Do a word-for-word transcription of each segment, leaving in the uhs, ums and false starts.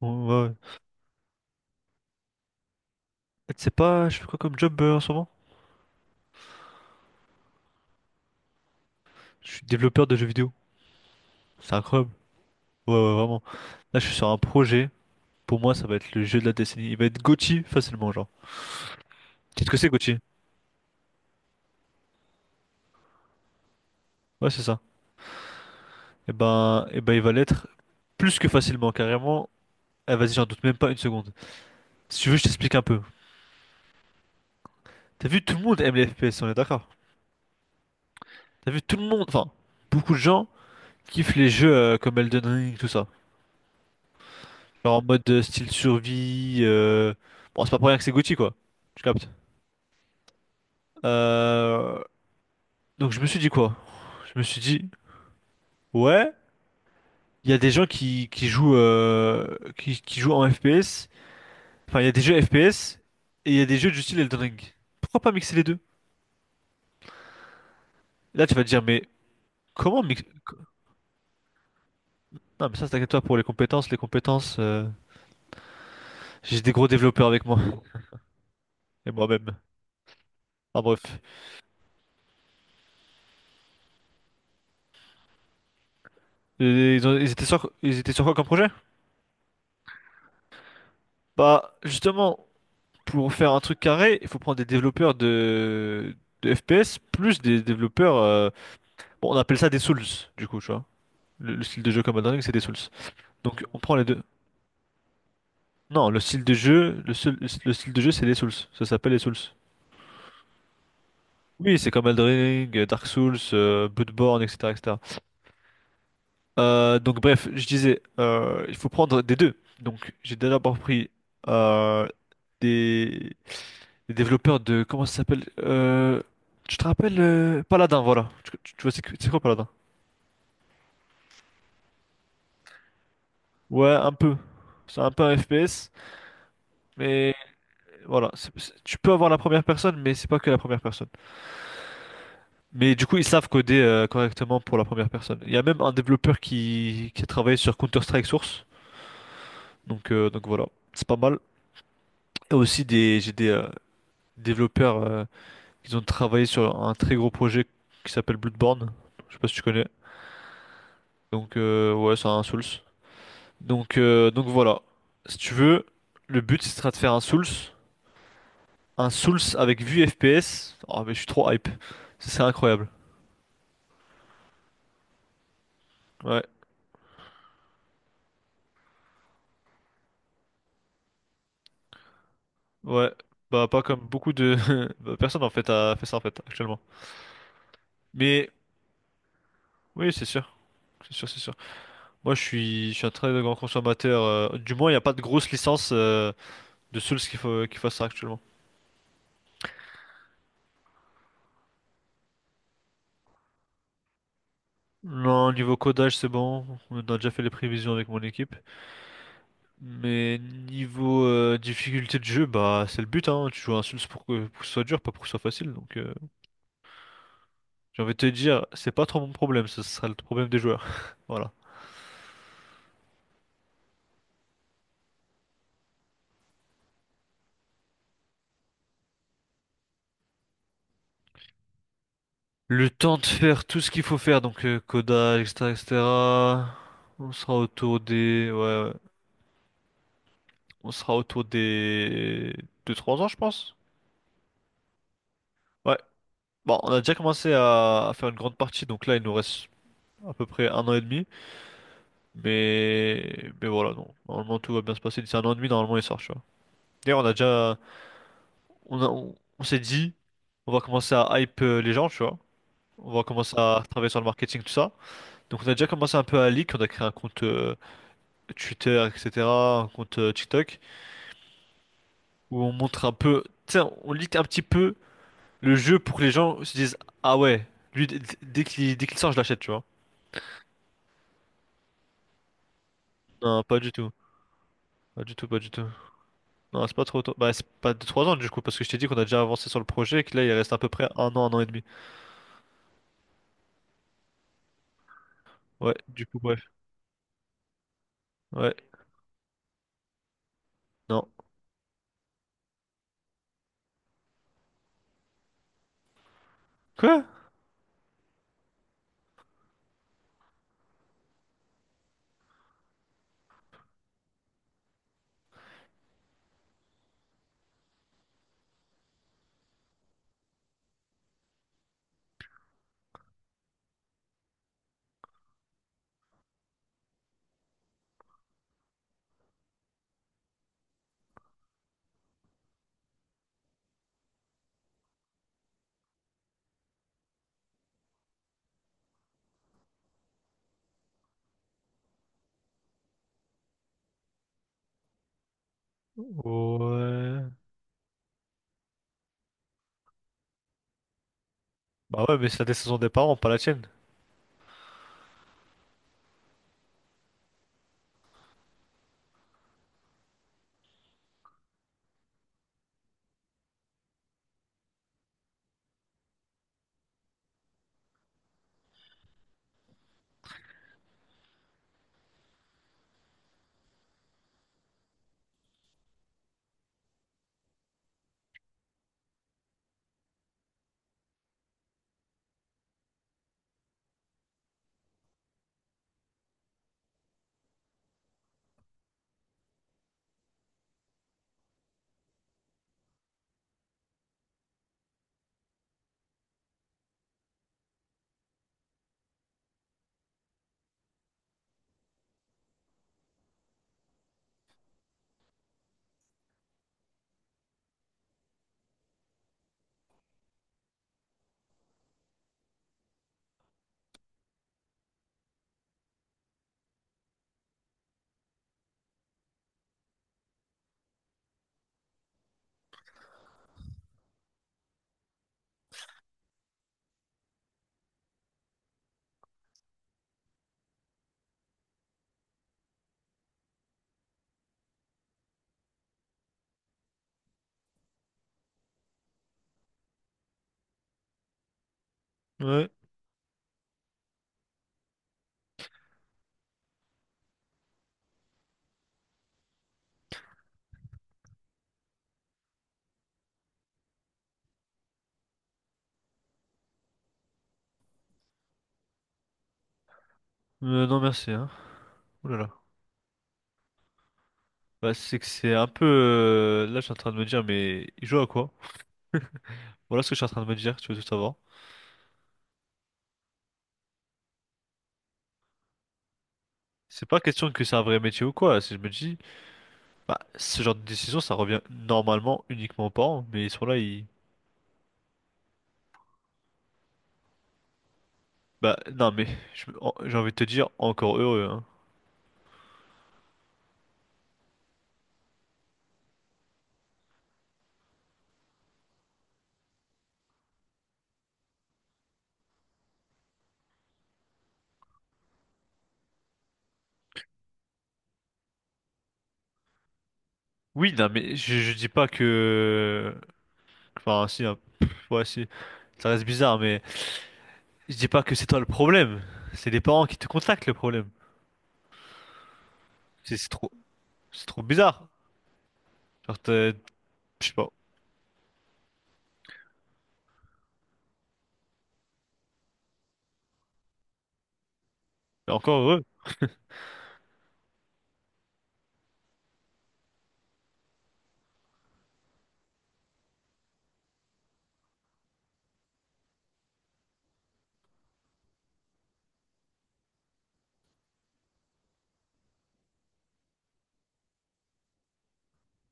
Ouais, ouais. Tu sais pas, je fais quoi comme job euh, en ce moment? Je suis développeur de jeux vidéo. C'est incroyable. Ouais, ouais, vraiment. Là, je suis sur un projet. Pour moi, ça va être le jeu de la décennie. Il va être GOTY facilement, genre. Tu sais ce que c'est GOTY? Ouais, c'est ça. Et ben, et ben, il va l'être plus que facilement, carrément. Eh, vas-y, j'en doute même pas une seconde. Si tu veux, je t'explique un peu. T'as vu, tout le monde aime les F P S, on est d'accord? T'as vu, tout le monde, enfin, beaucoup de gens kiffent les jeux euh, comme Elden Ring, tout ça. Genre en mode euh, style survie. euh, Bon, c'est pas pour rien que c'est GOTY, quoi. Tu captes? Euh, donc je me suis dit quoi? Je me suis dit, ouais, il y a des gens qui, qui jouent euh, qui, qui jouent en F P S. Enfin, il y a des jeux F P S et il y a des jeux du style Elden Ring. Pourquoi pas mixer les deux? Là, tu vas te dire, mais comment mixer? Non, mais ça, t'inquiète-toi pour les compétences. Les compétences, euh, j'ai des gros développeurs avec moi et moi-même. Ah bref, Et ils ont- ils étaient sur, ils étaient sur quoi comme projet? Bah, justement, pour faire un truc carré, il faut prendre des développeurs de, de F P S plus des développeurs. euh, Bon, on appelle ça des Souls, du coup, tu vois. Le, le style de jeu comme Elden Ring, c'est des Souls. Donc, on prend les deux. Non, le style de jeu, le, seul- le style de jeu, c'est des Souls. Ça s'appelle les Souls. Oui, c'est comme Elden Ring, euh, Dark Souls, euh, Bloodborne, et cetera, et cetera. Euh, donc, bref, je disais, euh, il faut prendre des deux. Donc, j'ai d'abord pris euh, des, des développeurs de. Comment ça s'appelle? Euh, tu te rappelles euh, Paladin, voilà. Tu, tu- tu vois, c'est que- c'est quoi Paladin? Ouais, un peu. C'est un peu un F P S. Mais voilà, c'est- c'est- tu peux avoir la première personne, mais c'est pas que la première personne. Mais du coup, ils savent coder euh, correctement pour la première personne. Il y a même un développeur qui, qui a travaillé sur Counter-Strike Source, donc, euh, donc voilà, c'est pas mal. Et aussi, des, j'ai des euh, développeurs euh, qui ont travaillé sur un très gros projet qui s'appelle Bloodborne. Je sais pas si tu connais. Donc euh, ouais, c'est un Souls. Donc, euh, donc voilà, si tu veux, le but, ce sera de faire un Souls. Un Souls avec vue F P S. Oh, mais je suis trop hype. Ce serait incroyable. Ouais. Ouais, bah pas comme beaucoup de bah, personne en fait a fait ça en fait actuellement. Mais oui, c'est sûr. C'est sûr, c'est sûr. Moi, je suis, je suis un très grand consommateur. euh, Du moins, il n'y a pas de grosse licence euh, de Souls qu'il faut, qu'il fasse ça actuellement. Non, niveau codage, c'est bon. On a déjà fait les prévisions avec mon équipe. Mais niveau euh, difficulté de jeu, bah c'est le but, hein. Tu joues à un Souls pour que, pour que ce soit dur, pas pour que ce soit facile. Donc, euh, j'ai envie de te dire, c'est pas trop mon problème. Ce sera le problème des joueurs. Voilà. Le temps de faire tout ce qu'il faut faire, donc euh, codage, et cetera, et cetera. On sera autour des... Ouais, ouais. On sera autour des... deux trois ans, je pense. Ouais. Bon, on a déjà commencé à... à faire une grande partie, donc là, il nous reste à peu près un an et demi. Mais... Mais voilà, non. Normalement, tout va bien se passer. D'ici un an et demi, normalement, il sort, tu vois. D'ailleurs, on a déjà... On a... on on s'est dit, on va commencer à hype euh, les gens, tu vois. On va commencer à travailler sur le marketing, tout ça. Donc, on a déjà commencé un peu à leak. On a créé un compte... euh, Twitter, et cetera, un compte euh, TikTok, où on montre un peu, tu sais, on lit un petit peu le jeu pour que les gens se disent, ah ouais, lui, d- d- dès qu'il dès qu'il sort, je l'achète, tu vois. Non, pas du tout. Pas du tout, pas du tout. Non, c'est pas trop tôt. Bah, c'est pas de trois ans du coup, parce que je t'ai dit qu'on a déjà avancé sur le projet et que là, il reste à peu près un an, un an et demi. Ouais, du coup, bref. Ouais, non. Quoi? Ouais. Bah ouais, mais c'est la décision des parents, pas la tienne. Ouais. Euh, non, merci, hein. Ouh là là. Bah, c'est que c'est un peu. euh, Là, je suis en train de me dire, mais il joue à quoi? Voilà ce que je suis en train de me dire, tu veux tout savoir. C'est pas question que c'est un vrai métier ou quoi. Si je me dis, bah, ce genre de décision, ça revient normalement uniquement aux parents, mais ils sont là, ils. Bah, non, mais je- en- j'ai envie de te dire, encore heureux, hein. Oui, non, mais je, je dis pas que. Enfin, si, hein, pff, ouais, si. Ça reste bizarre, mais je dis pas que c'est toi le problème. C'est les parents qui te contactent le problème. C'est c'est trop, c'est trop bizarre. Genre, t'es- je sais pas. Mais encore heureux.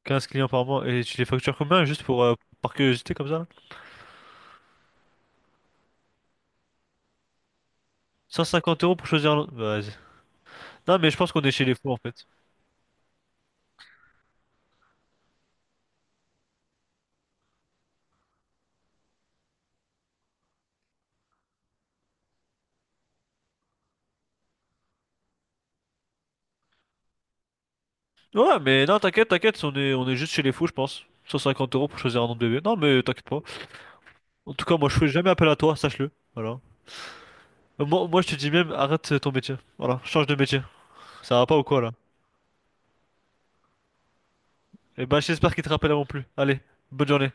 Quinze clients par mois et tu les factures combien juste pour, euh, par curiosité comme ça? Cent cinquante euros pour choisir. un- Bah, vas-y. Non, mais je pense qu'on est chez les fous en fait. Ouais, mais non, t'inquiète, t'inquiète, on est, on est juste chez les fous, je pense. Cent cinquante euros pour choisir un nom de bébé. Non, mais t'inquiète pas. En tout cas, moi, je fais jamais appel à toi, sache-le. Voilà. Euh, Moi, moi, je te dis même, arrête euh, ton métier. Voilà, change de métier. Ça va pas ou quoi là? Eh ben, j'espère qu'il te rappelleront plus. Allez, bonne journée.